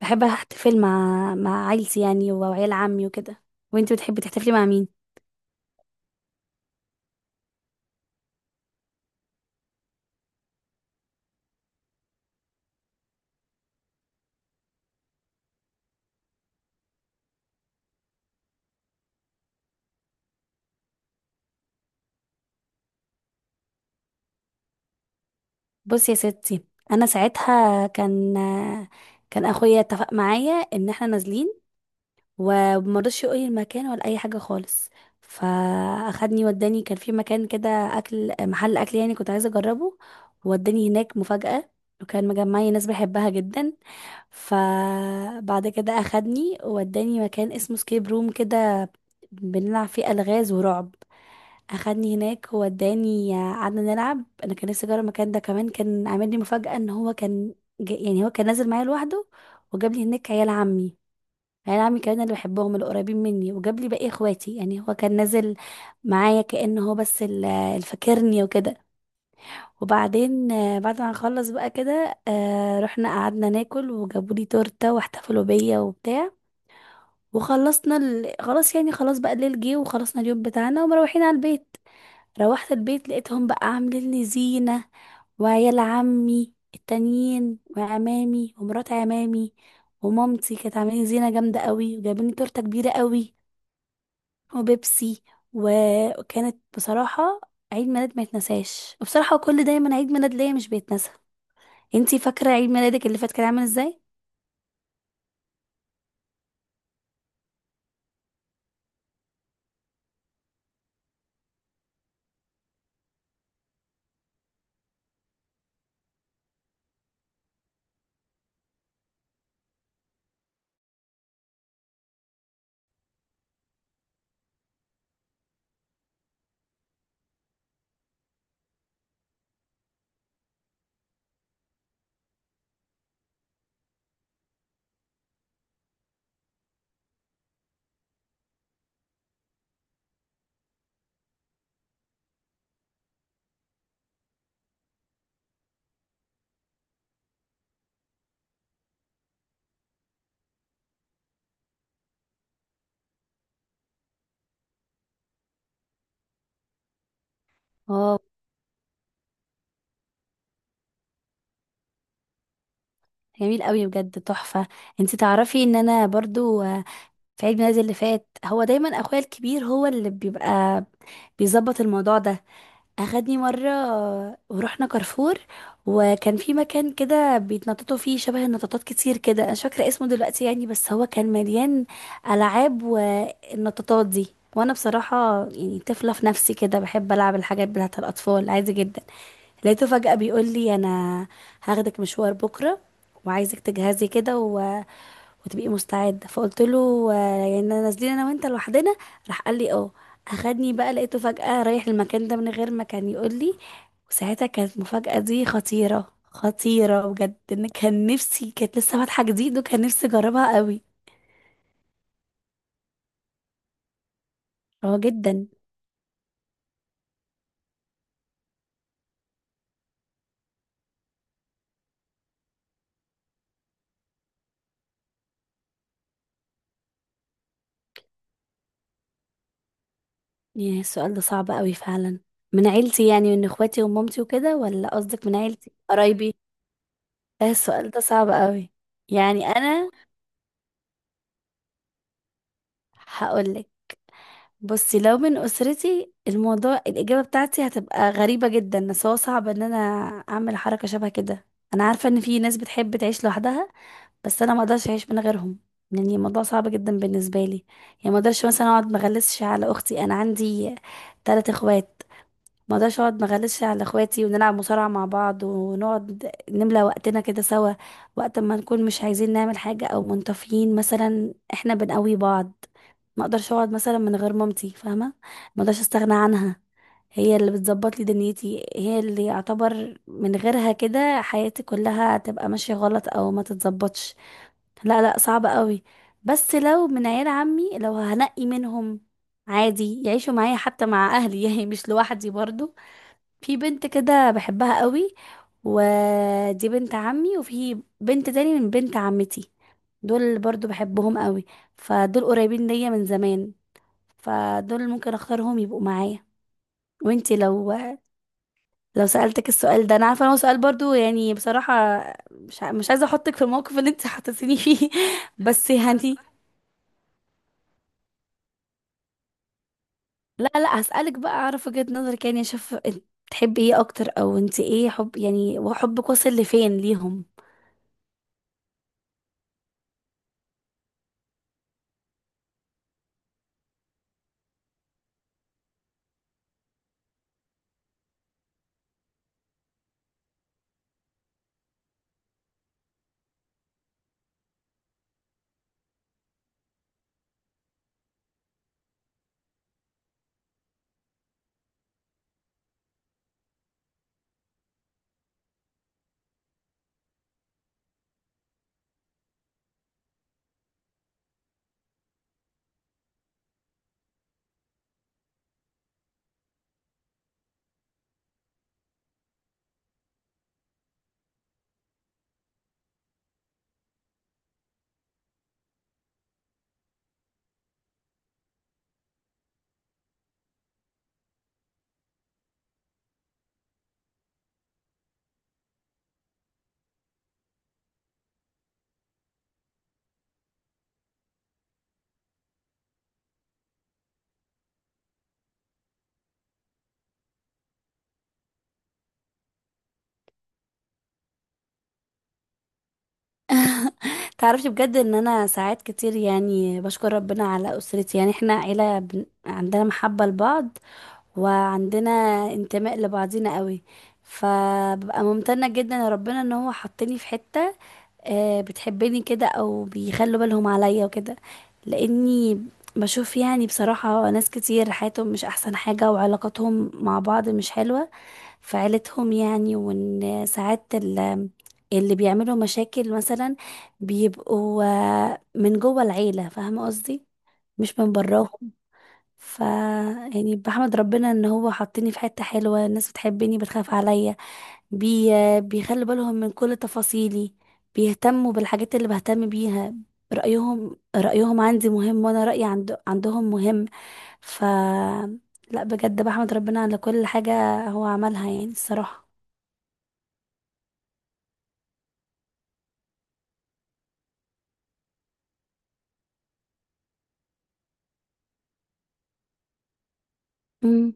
بحب احتفل مع عيلتي، يعني وعيال عمي وكده. وانتي بتحبي تحتفلي مع مين؟ بصي يا ستي، انا ساعتها كان اخويا اتفق معايا ان احنا نازلين، ومرضش يقولي المكان ولا اي حاجه خالص. فاخدني وداني، كان في مكان كده اكل، محل اكل يعني كنت عايزه اجربه. وداني هناك مفاجاه، وكان مجمعي ناس بحبها جدا. فبعد كده اخدني ووداني مكان اسمه سكيب روم كده، بنلعب فيه الغاز ورعب. اخدني هناك ووداني قعدنا نلعب، انا كان نفسي اجرب المكان ده كمان. كان عامل لي مفاجأة ان يعني هو كان نازل معايا لوحده، وجاب لي هناك عيال عمي. عيال عمي كمان اللي بحبهم القريبين مني، وجاب لي باقي اخواتي. يعني هو كان نازل معايا كأنه هو بس اللي فاكرني وكده. وبعدين بعد ما نخلص بقى كده، رحنا قعدنا ناكل وجابوا لي تورته واحتفلوا بيا وبتاع. وخلصنا خلاص، يعني خلاص بقى الليل جه، وخلصنا اليوم بتاعنا ومروحين على البيت. روحت البيت لقيتهم بقى عاملين لي زينه، وعيال عمي التانيين وعمامي ومرات عمامي ومامتي كانت عاملين زينة جامدة قوي، وجايبين لي تورتة كبيرة قوي وبيبسي. وكانت بصراحة عيد ميلاد ما يتنساش. وبصراحة كل دايما عيد ميلاد ليا مش بيتنسى. انتي فاكره عيد ميلادك اللي فات كان عامل ازاي؟ اه، جميل قوي بجد، تحفه. انتي تعرفي ان انا برضو في عيد ميلادي اللي فات، هو دايما اخويا الكبير هو اللي بيبقى بيظبط الموضوع ده. اخدني مره، ورحنا كارفور. وكان في مكان كده بيتنططوا فيه، شبه النطاطات كتير كده، انا مش فاكره اسمه دلوقتي يعني، بس هو كان مليان العاب والنطاطات دي. وانا بصراحه يعني طفله في نفسي كده، بحب العب الحاجات بتاعت الاطفال عادي جدا. لقيته فجأة بيقول لي: انا هاخدك مشوار بكرة، وعايزك تجهزي كده وتبقي مستعدة. فقلت له: يعني نازلين انا وانت لوحدنا؟ راح قال لي: اه. اخدني بقى، لقيته فجأة رايح المكان ده من غير ما كان يقول لي. وساعتها كانت المفاجأة دي خطيرة خطيرة بجد، ان كان نفسي كانت لسه فاتحة جديد وكان نفسي اجربها قوي. اه، جدا. يا، السؤال ده صعب قوي فعلا. من عيلتي يعني من اخواتي ومامتي وكده، ولا قصدك من عيلتي قرايبي؟ ده السؤال ده صعب قوي. يعني انا هقولك. بصي، لو من اسرتي، الموضوع الاجابه بتاعتي هتبقى غريبه جدا، بس هو صعب ان انا اعمل حركه شبه كده. انا عارفه ان في ناس بتحب تعيش لوحدها، بس انا ما اقدرش اعيش من غيرهم. يعني الموضوع صعب جدا بالنسبه لي. يعني ما اقدرش مثلا اقعد ما اغلسش على اختي. انا عندي 3 اخوات. ما اقدرش اقعد ما اغلسش على اخواتي، ونلعب مصارعة مع بعض، ونقعد نملى وقتنا كده سوا. وقت ما نكون مش عايزين نعمل حاجة او منطفيين مثلا، احنا بنقوي بعض. ما اقدرش اقعد مثلا من غير مامتي، فاهمة. ما اقدرش استغنى عنها. هي اللي بتظبط لي دنيتي، هي اللي يعتبر من غيرها كده حياتي كلها تبقى ماشية غلط او ما تتظبطش. لا، لا، صعب قوي. بس لو من عيال عمي، لو هنقي منهم عادي يعيشوا معايا حتى مع اهلي يعني مش لوحدي برضو. في بنت كده بحبها قوي، ودي بنت عمي، وفي بنت تاني من بنت عمتي. دول برضو بحبهم قوي، فدول قريبين ليا من زمان، فدول ممكن اختارهم يبقوا معايا. وانتي لو سألتك السؤال ده، انا عارفه ان هو سؤال برضو يعني بصراحه، مش عايزه احطك في الموقف اللي انت حطيتيني فيه بس يعني. لا، لا، هسألك بقى اعرف وجهة نظرك، يعني اشوف إنت بتحبي ايه اكتر، او انت ايه حب يعني وحبك وصل لفين ليهم؟ تعرفي بجد ان انا ساعات كتير يعني بشكر ربنا على اسرتي، يعني احنا عيله عندنا محبه لبعض، وعندنا انتماء لبعضينا قوي. فببقى ممتنه جدا لربنا ان هو حطني في حته بتحبني كده، او بيخلوا بالهم عليا وكده. لاني بشوف يعني بصراحة ناس كتير حياتهم مش احسن حاجة، وعلاقاتهم مع بعض مش حلوة في عيلتهم يعني. وان ساعات اللي بيعملوا مشاكل مثلا بيبقوا من جوه العيلة، فاهمة قصدي، مش من براهم. ف يعني بحمد ربنا ان هو حطني في حتة حلوة، الناس بتحبني، بتخاف عليا. بي... بيخلي بالهم من كل تفاصيلي، بيهتموا بالحاجات اللي بهتم بيها. رأيهم عندي مهم، وانا رأيي عندهم مهم. ف لا، بجد بحمد ربنا على كل حاجة هو عملها يعني الصراحة. امم،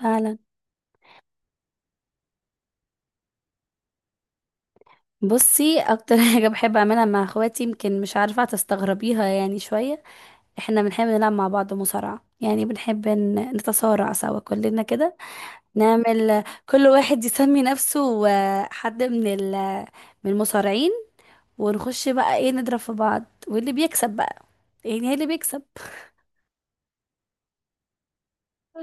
فعلا. بصي، اكتر حاجة بحب اعملها مع اخواتي، يمكن مش عارفة هتستغربيها يعني شوية. احنا بنحب نلعب مع بعض مصارعة، يعني بنحب نتصارع سوا كلنا كده. نعمل كل واحد يسمي نفسه حد من من المصارعين. ونخش بقى ايه نضرب في بعض، واللي بيكسب بقى، يعني هي اللي بيكسب.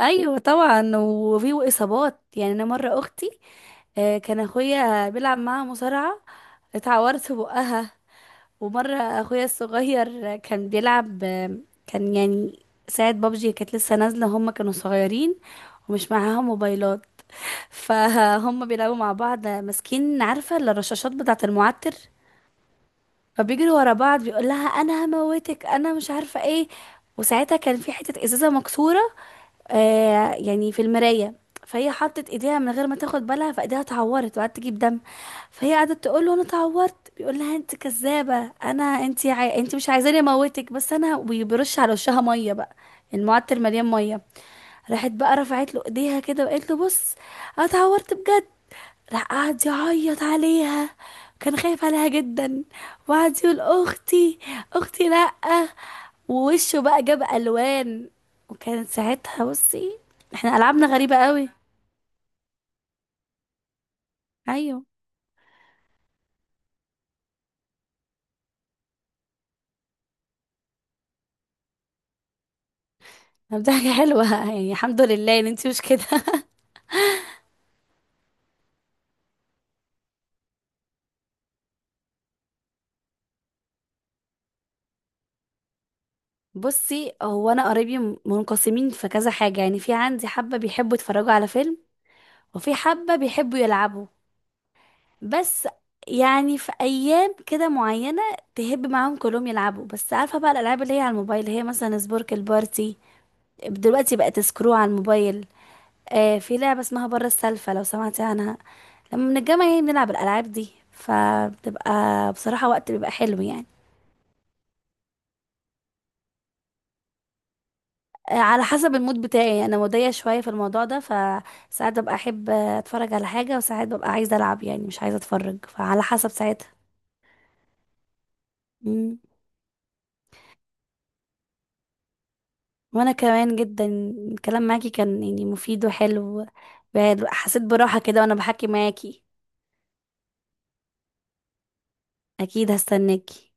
ايوه طبعا، وفي اصابات. يعني انا مرة اختي، كان اخويا بيلعب معاها مصارعة، اتعورت في بقها. ومرة اخويا الصغير كان بيلعب، كان يعني ساعة بابجي كانت لسه نازلة، هما كانوا صغيرين ومش معاهم موبايلات فهم بيلعبوا مع بعض ماسكين، عارفة، الرشاشات بتاعة المعتر. فبيجروا ورا بعض، بيقول لها: انا هموتك انا مش عارفة ايه. وساعتها كان في حتة ازازة مكسورة، يعني في المراية. فهي حطت ايديها من غير ما تاخد بالها، فايديها اتعورت وقعدت تجيب دم. فهي قعدت تقول له: انا اتعورت. بيقول لها: انت كذابة، انا، انت مش عايزاني اموتك بس انا، وبيرش على وشها مية بقى، المعتر مليان مية. راحت بقى رفعت له ايديها كده وقالت له: بص، انا اتعورت بجد. راح قعد يعيط عليها، كان خايف عليها جدا، وقعد يقول: اختي، اختي، لا. ووشه بقى جاب الوان. وكانت ساعتها، بصي احنا العابنا غريبه قوي. ايوه. طب، دي حاجه حلوه يعني، الحمد لله ان انتي مش كده بصي، هو انا قرايبي منقسمين في كذا حاجه، يعني في عندي حبه بيحبوا يتفرجوا على فيلم، وفي حبه بيحبوا يلعبوا. بس، يعني في ايام كده معينه تهب معاهم كلهم يلعبوا، بس عارفه بقى الالعاب اللي هي على الموبايل، اللي هي مثلا سبورك البارتي دلوقتي بقت سكرو على الموبايل. في لعبه اسمها بره السالفه لو سمعتي عنها. لما من الجامعة يعني بنلعب الألعاب دي، فبتبقى بصراحة وقت بيبقى حلو يعني. على حسب المود بتاعي، أنا مودية شوية في الموضوع ده، فساعات ببقى أحب أتفرج على حاجة، وساعات ببقى عايزة ألعب يعني مش عايزة أتفرج، فعلى حسب ساعتها. مم. وأنا كمان جدا. الكلام معاكي كان يعني مفيد وحلو، حسيت براحة كده وأنا بحكي معاكي. أكيد هستناكي.